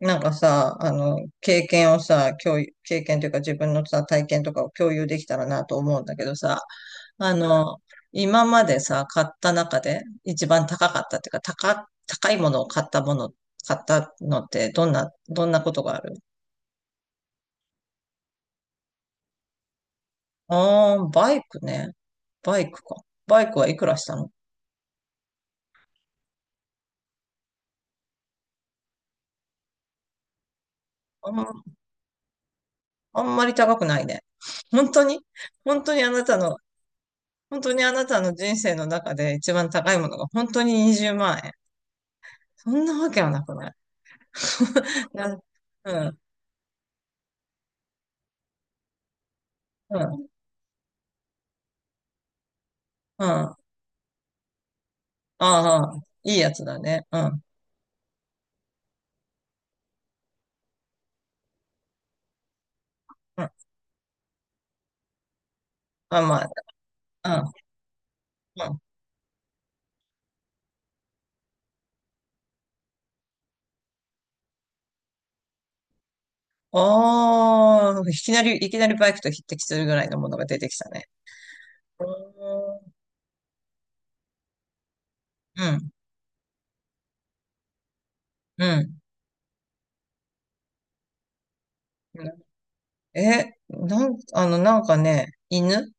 なんかさ、経験をさ、経験というか自分のさ、体験とかを共有できたらなと思うんだけどさ、あの、今までさ、買った中で一番高かったっていうか、高いものを買ったもの、買ったのってどんな、ことがある？ああー、バイクね。バイクか。バイクはいくらしたの？あん、あんまり高くないね。本当に本当にあなたの人生の中で一番高いものが本当に20万円。そんなわけはなくない？ なん、うん、うん、うん。ああ、いいやつだね。うん、うん。あ、まあ、うん、うん。ああ、いきなりバイクと匹敵するぐらいのものが出てきたね。うん、うん。うん。え、なんかね、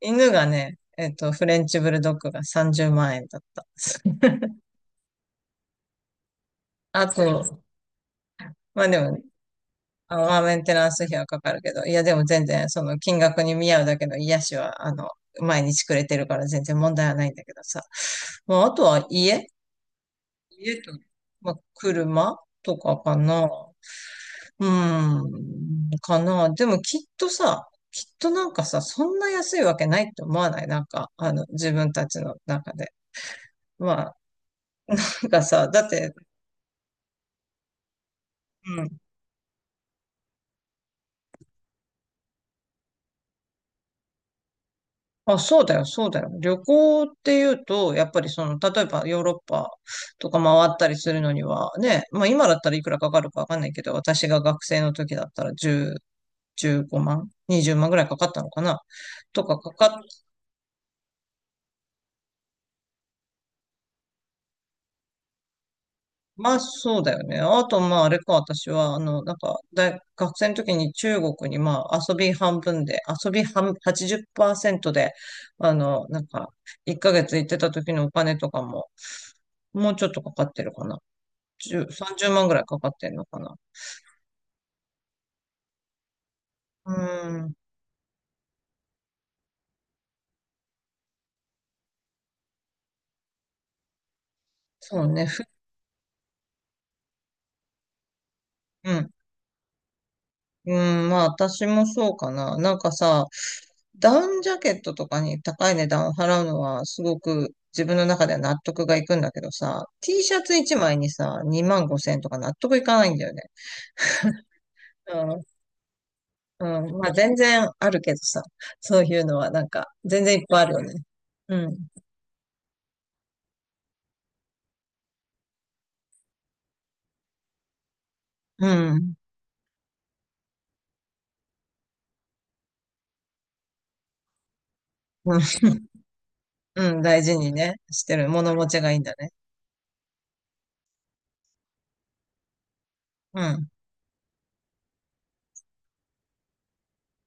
犬がね、フレンチブルドッグが30万円だった。あと、まあでもね、まあ、メンテナンス費はかかるけど、いや、でも全然、その金額に見合うだけの癒しは、毎日くれてるから全然問題はないんだけどさ。まあ、あとは家と、まあ、車とかかな。うーん、かな。でもきっとさ、きっとなんかさ、そんな安いわけないって思わないなんか、自分たちの中で。まあ、なんかさ、だって、あ、そうだよ、そうだよ。旅行っていうと、やっぱりその、例えばヨーロッパとか回ったりするのには、ね、まあ今だったらいくらかかるかわかんないけど、私が学生の時だったら10、15万、20万ぐらいかかったのかな、とかかかっ、まあそうだよね。あとまああれか、私は、なんか学生の時に中国にまあ遊び半分で、遊び半、80%で、なんか、1ヶ月行ってた時のお金とかも、もうちょっとかかってるかな。10、30万ぐらいかかってんのかな。うーん、そうね、うん。うん、まあ私もそうかな。なんかさ、ダウンジャケットとかに高い値段を払うのはすごく自分の中では納得がいくんだけどさ、T シャツ1枚にさ、2万5千円とか納得いかないんだよね。うん、うん、まあ全然あるけどさ、そういうのはなんか全然いっぱいあるよね。うん、うん、うん、うん、大事にね、してる。物持ちがいいんだね。うん、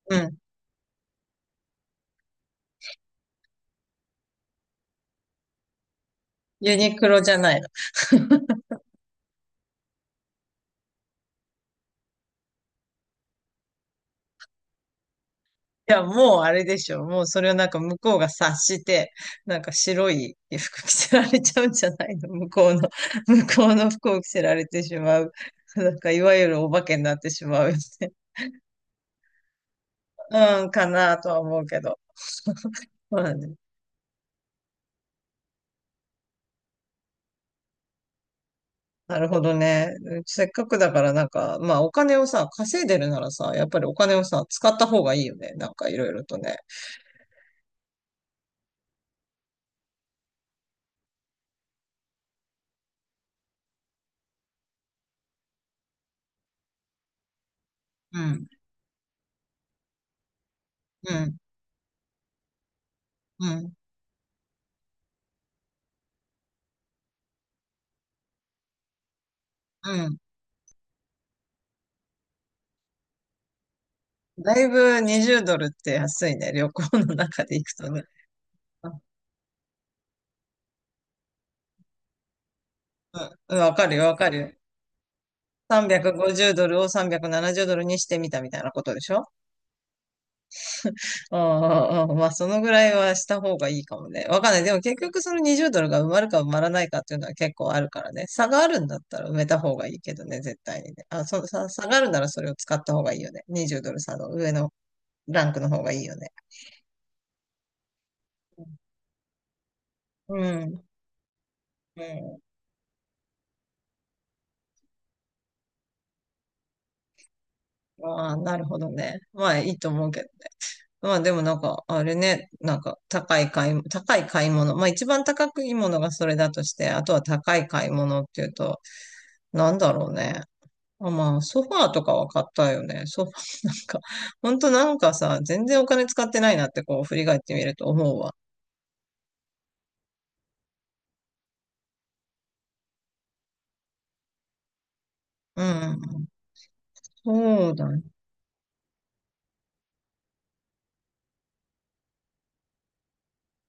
うん。ユニクロじゃない？いや、もうあれでしょ。もうそれをなんか向こうが察して、なんか白い服着せられちゃうんじゃないの、向こうの。向こうの服を着せられてしまう。なんかいわゆるお化けになってしまうよね。うん、かなとは思うけど。まあね。なるほどね。せっかくだからなんか、まあお金をさ、稼いでるならさ、やっぱりお金をさ、使った方がいいよね。なんかいろいろとね。うん、うん、うん、うん。だいぶ20ドルって安いね。旅行の中で行くとね。うん、うんわかるよ、わかるよ。350ドルを370ドルにしてみたみたいなことでしょ？うんうんうん。まあ、そのぐらいはした方がいいかもね。わかんない。でも結局その20ドルが埋まるか埋まらないかっていうのは結構あるからね。差があるんだったら埋めた方がいいけどね、絶対にね。あ、差があるならそれを使った方がいいよね。20ドル差の上のランクの方がいいよね。うん。うん。ああ、なるほどね。まあ、いいと思うけど。まあでもなんか、あれね、なんか高い買い物。まあ一番高くいいものがそれだとして、あとは高い買い物っていうと、なんだろうね。あ、まあソファーとかは買ったよね。ソファー。 なんか、ほんとなんかさ、全然お金使ってないなってこう振り返ってみると思うわ。うん。そうだね。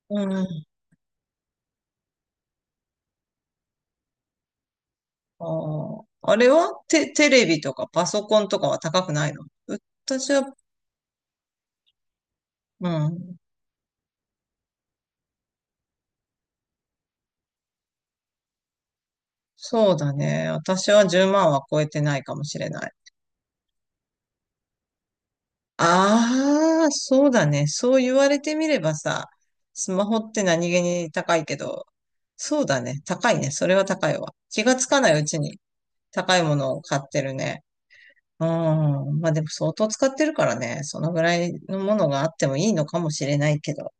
うん。あー、あれはテレビとかパソコンとかは高くないの？私は、うん。そうだね。私は10万は超えてないかもしれない。ああ、そうだね。そう言われてみればさ、スマホって何気に高いけど、そうだね。高いね。それは高いわ。気がつかないうちに高いものを買ってるね。うん。まあでも相当使ってるからね。そのぐらいのものがあってもいいのかもしれないけど。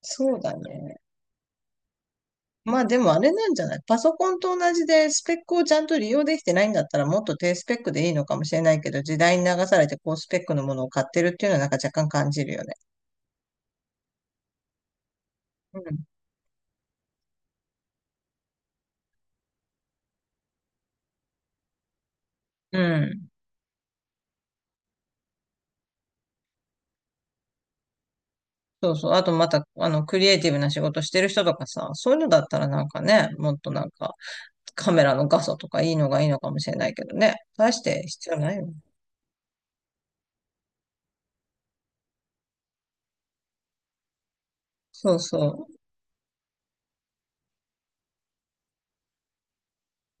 そうだね。まあでもあれなんじゃない？パソコンと同じでスペックをちゃんと利用できてないんだったらもっと低スペックでいいのかもしれないけど、時代に流されて高スペックのものを買ってるっていうのはなんか若干感じるよね。うん。そうそう。あとまた、クリエイティブな仕事してる人とかさ、そういうのだったらなんかね、もっとなんか、カメラの画素とかいいのがいいのかもしれないけどね。大して必要ないよ。そうそ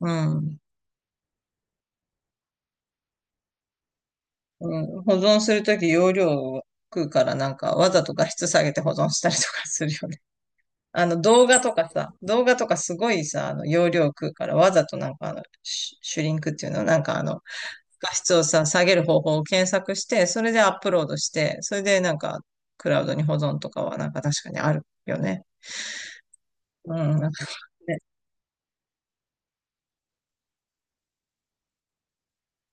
う。うん。うん、保存するとき容量を食うからなんか、わざと画質下げて保存したりとかするよね。動画とかすごいさ、容量食うから、わざとなんかシュシュリンクっていうの、なんか画質をさ、下げる方法を検索して、それでアップロードして、それでなんか、クラウドに保存とかはなんか確かにあるよね。うん。なんかね。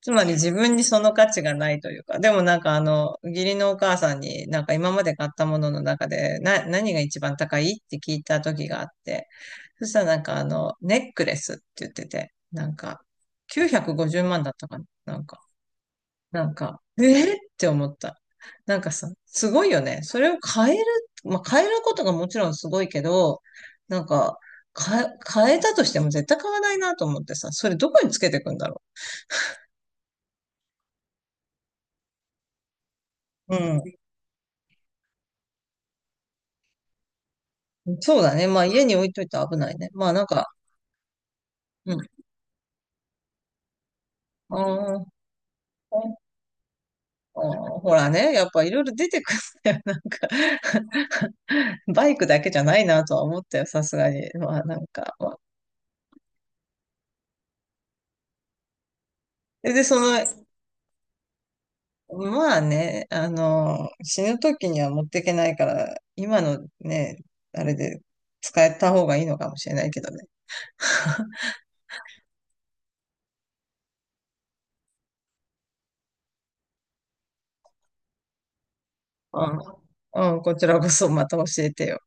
つまり自分にその価値がないというか、でもなんか義理のお母さんになんか今まで買ったものの中で、何が一番高いって聞いた時があって、そしたらなんかネックレスって言ってて、なんか、950万だったかな。なんかえー、って思った。なんかさ、すごいよね。それを変える、まあ、変えることがもちろんすごいけど、なんか、か、変えたとしても絶対買わないなと思ってさ、それどこにつけていくんだろう。うん。そうだね。まあ家に置いといて危ないね。まあなんか、うん。あーあー、ほらね、やっぱいろいろ出てくるんだよ。なんか、バイクだけじゃないなとは思ったよ、さすがに。まあなんか、でまあね、死ぬ時には持っていけないから、今のね、あれで使えた方がいいのかもしれないけどね。うん、うん、こちらこそまた教えてよ。